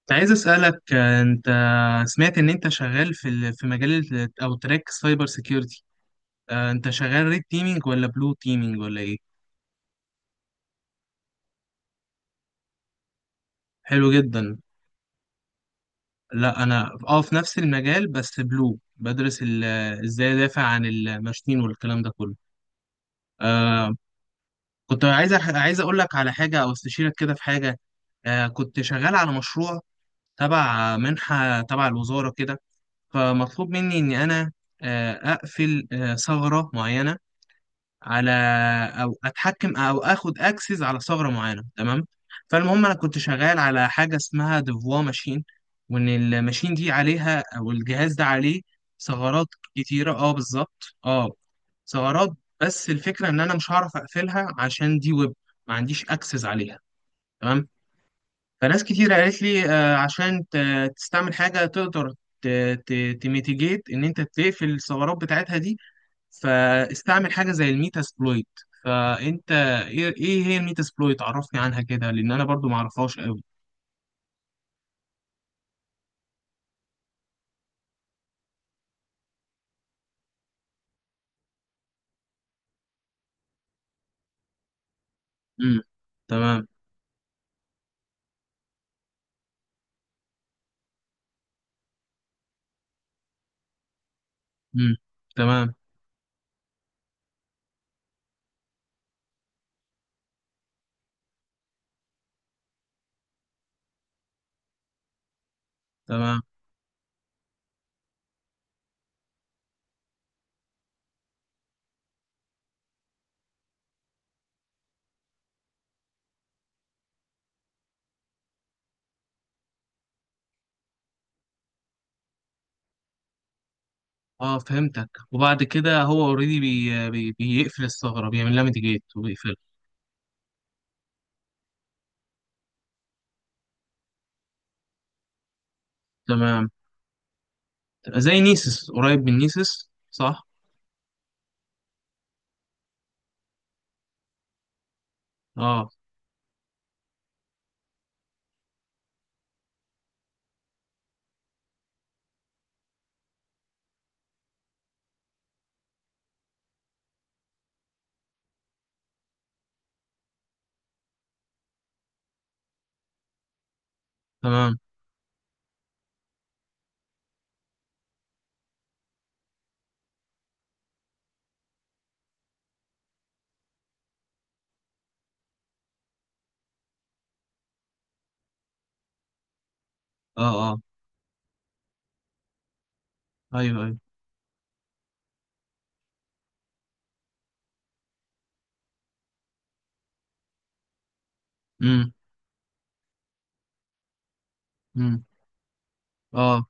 كنت عايز أسألك أنت سمعت إن أنت شغال في مجال أو تراك سايبر سيكيورتي. أنت شغال ريد تيمينج ولا بلو تيمينج ولا إيه؟ حلو جدا. لا، أنا في نفس المجال، بس بلو بدرس إزاي أدافع عن الماشين والكلام ده كله. آه كنت عايز أقول لك على حاجة أو استشيرك كده في حاجة. كنت شغال على مشروع تبع منحة تبع الوزارة كده. فمطلوب مني إني أنا أقفل ثغرة معينة على او اتحكم او اخد اكسس على ثغره معينه. تمام. فالمهم انا كنت شغال على حاجه اسمها ديفوا ماشين، وان الماشين دي عليها او الجهاز ده عليه ثغرات كتيره، اه، بالظبط، اه. ثغرات، بس الفكره ان انا مش هعرف اقفلها عشان دي ويب، ما عنديش اكسس عليها. تمام. فناس كتير قالت لي عشان تستعمل حاجه تقدر تميتيجيت ان انت تقفل الثغرات بتاعتها دي، فاستعمل حاجه زي الميتاسبلويت. فانت، إيه هي الميتاسبلويت؟ عرفني عنها كده، لان انا برضو ما اعرفهاش قوي. امم. تمام. امم. تمام. تمام. اه، فهمتك. وبعد كده هو اوريدي بي بيقفل الثغره، بيعمل لها ميتيجيت وبيقفلها. تمام. زي نيسس، قريب من نيسس، صح؟ اه، تمام. اه، اه، ايوه، ايوه. امم. امم. اه،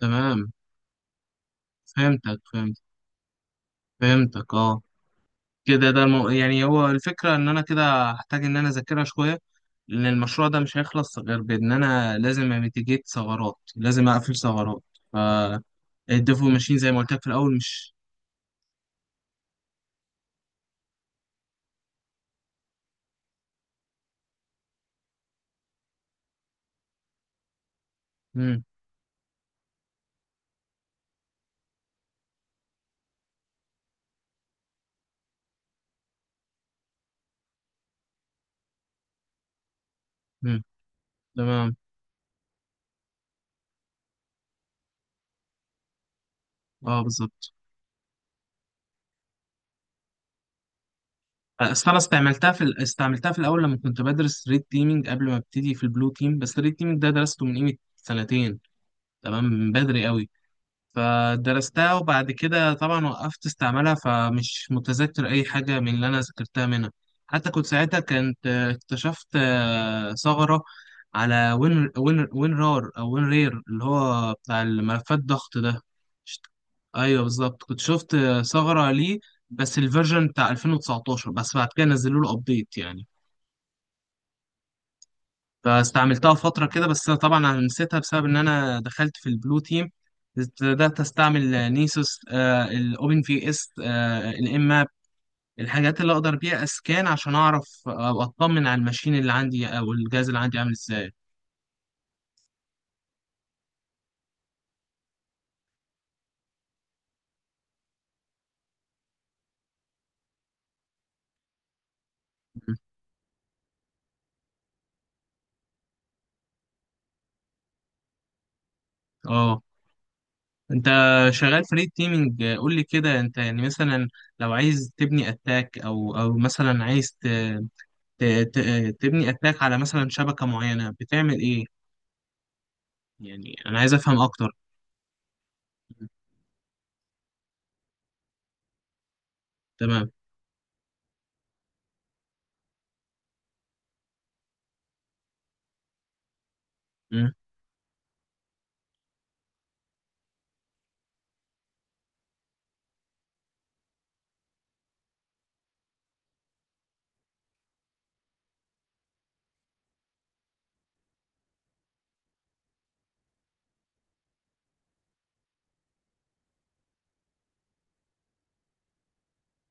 تمام. فهمتك، فهمت، فهمتك، اه. كده، يعني هو الفكرة إن أنا كده هحتاج إن أنا أذاكرها شوية، لأن المشروع ده مش هيخلص غير بإن أنا لازم أميتيجيت ثغرات، لازم أقفل ثغرات. ف الديفو ماشين زي ما قلت لك في الأول، مش. مم. مم. تمام. أه، بالظبط. أصل أنا استعملتها في الأول لما كنت بدرس ريد تيمينج، قبل ما أبتدي في البلو تيم. بس الريد تيمينج ده درسته من قيمة سنتين. تمام، من بدري أوي. فدرستها وبعد كده طبعا وقفت استعملها، فمش متذكر أي حاجة من اللي أنا ذاكرتها منها. حتى كنت ساعتها، كنت اكتشفت ثغرة على وين رار أو وين رير، اللي هو بتاع الملفات الضغط ده. ايوه بالظبط، كنت شفت ثغرة ليه، بس الفيرجن بتاع 2019. بس بعد كده نزلوا له ابديت يعني، فاستعملتها فترة كده. بس أنا طبعا أنا نسيتها بسبب إن أنا دخلت في البلو تيم. بدأت أستعمل نيسوس، الأوبن في إس، الإم ماب، الحاجات اللي أقدر بيها أسكان عشان أعرف أو أطمن على الماشين اللي عندي أو الجهاز اللي عندي عامل إزاي. أه أنت شغال فريد تيمينج، قول لي كده. أنت يعني مثلا لو عايز تبني أتاك، أو مثلا عايز ت... ت... تبني أتاك على مثلا شبكة معينة، بتعمل إيه؟ يعني أنا عايز أفهم أكتر. تمام،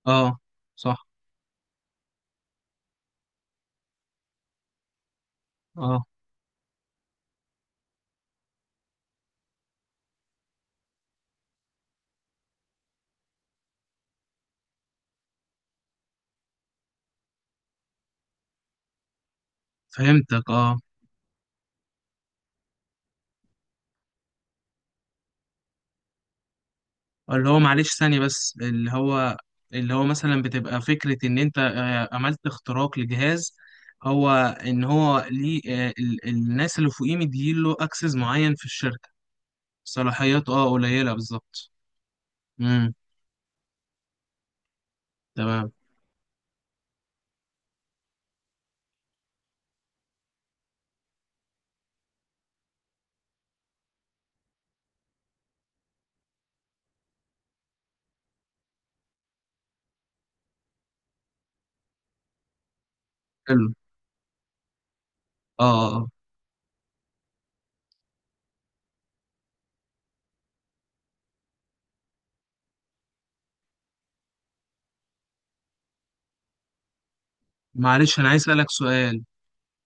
اه، صح، اه، فهمتك، اه. اللي هو معلش ثانية بس، اللي هو مثلا بتبقى فكرة ان انت عملت اختراق لجهاز. هو ان هو ليه الناس اللي فوقيه مديله اكسس معين في الشركة. صلاحيات، اه، قليلة، بالظبط. امم. تمام. حلو، اه. آه، آه. معلش، انا عايز اسألك سؤال.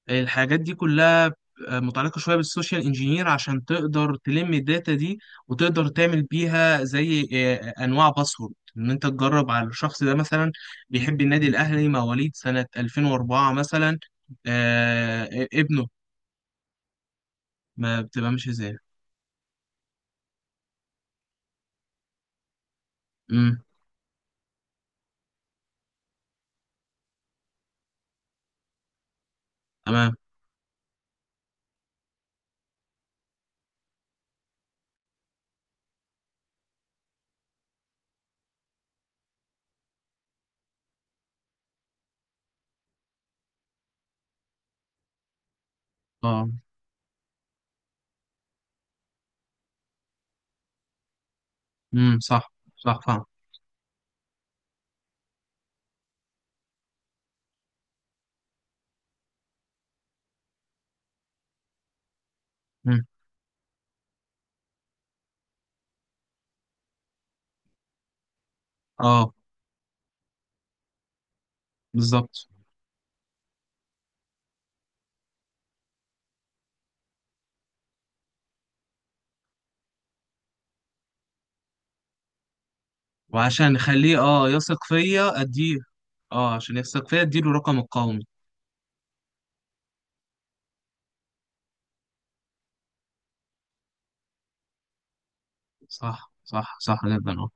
الحاجات دي كلها متعلقة شوية بالسوشيال انجينير، عشان تقدر تلم الداتا دي وتقدر تعمل بيها زي أنواع باسورد إن أنت تجرب على الشخص ده مثلا بيحب النادي الأهلي، مواليد سنة 2004 مثلا، ابنه. ما بتبقى ماشية إزاي؟ امم. تمام. اه. امم، صح، صح، فاهم. امم، اه، بالظبط. وعشان نخليه، يثق فيا، أديه. اه، عشان يثق فيا أديله رقم القومي. صح، صح، صح جدا. آه.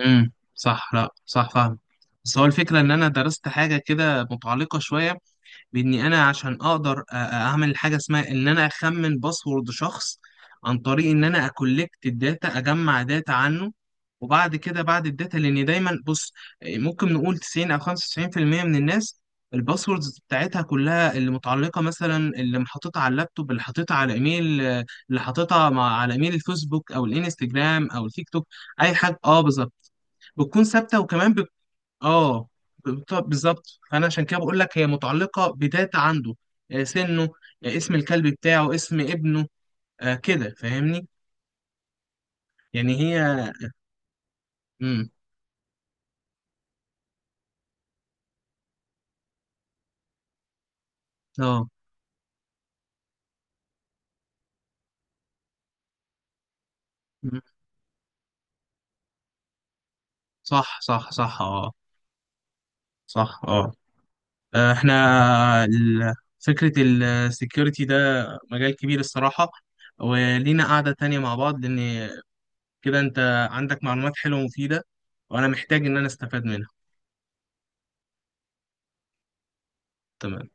امم، صح، لا، صح، فاهم. بس هو الفكرة إن أنا درست حاجة كده متعلقة شوية، بإني أنا عشان أقدر أعمل حاجة اسمها إن أنا أخمن باسورد شخص عن طريق إن أنا أكولكت الداتا، أجمع داتا عنه. وبعد كده بعد الداتا، لأن دايما بص، ممكن نقول 90 أو 95% من الناس الباسوردز بتاعتها كلها اللي متعلقة مثلا، اللي محطتها على اللابتوب، اللي حاططها على إيميل، اللي حاططها مع على إيميل الفيسبوك أو الإنستجرام أو التيك توك، اي حاجه، اه، بتكون ثابته. وكمان اه، بالظبط، انا عشان كده بقول لك هي متعلقه بداتا عنده. سنه، اسم الكلب بتاعه، اسم ابنه، كده، فاهمني؟ يعني هي امم، اه، مم. صح، صح، صح، اه. صح، اه. احنا ال- فكره السكيورتي ده مجال كبير الصراحه. ولينا قعده تانية مع بعض، لان كده انت عندك معلومات حلوه ومفيده، وانا محتاج ان انا استفاد منها. تمام.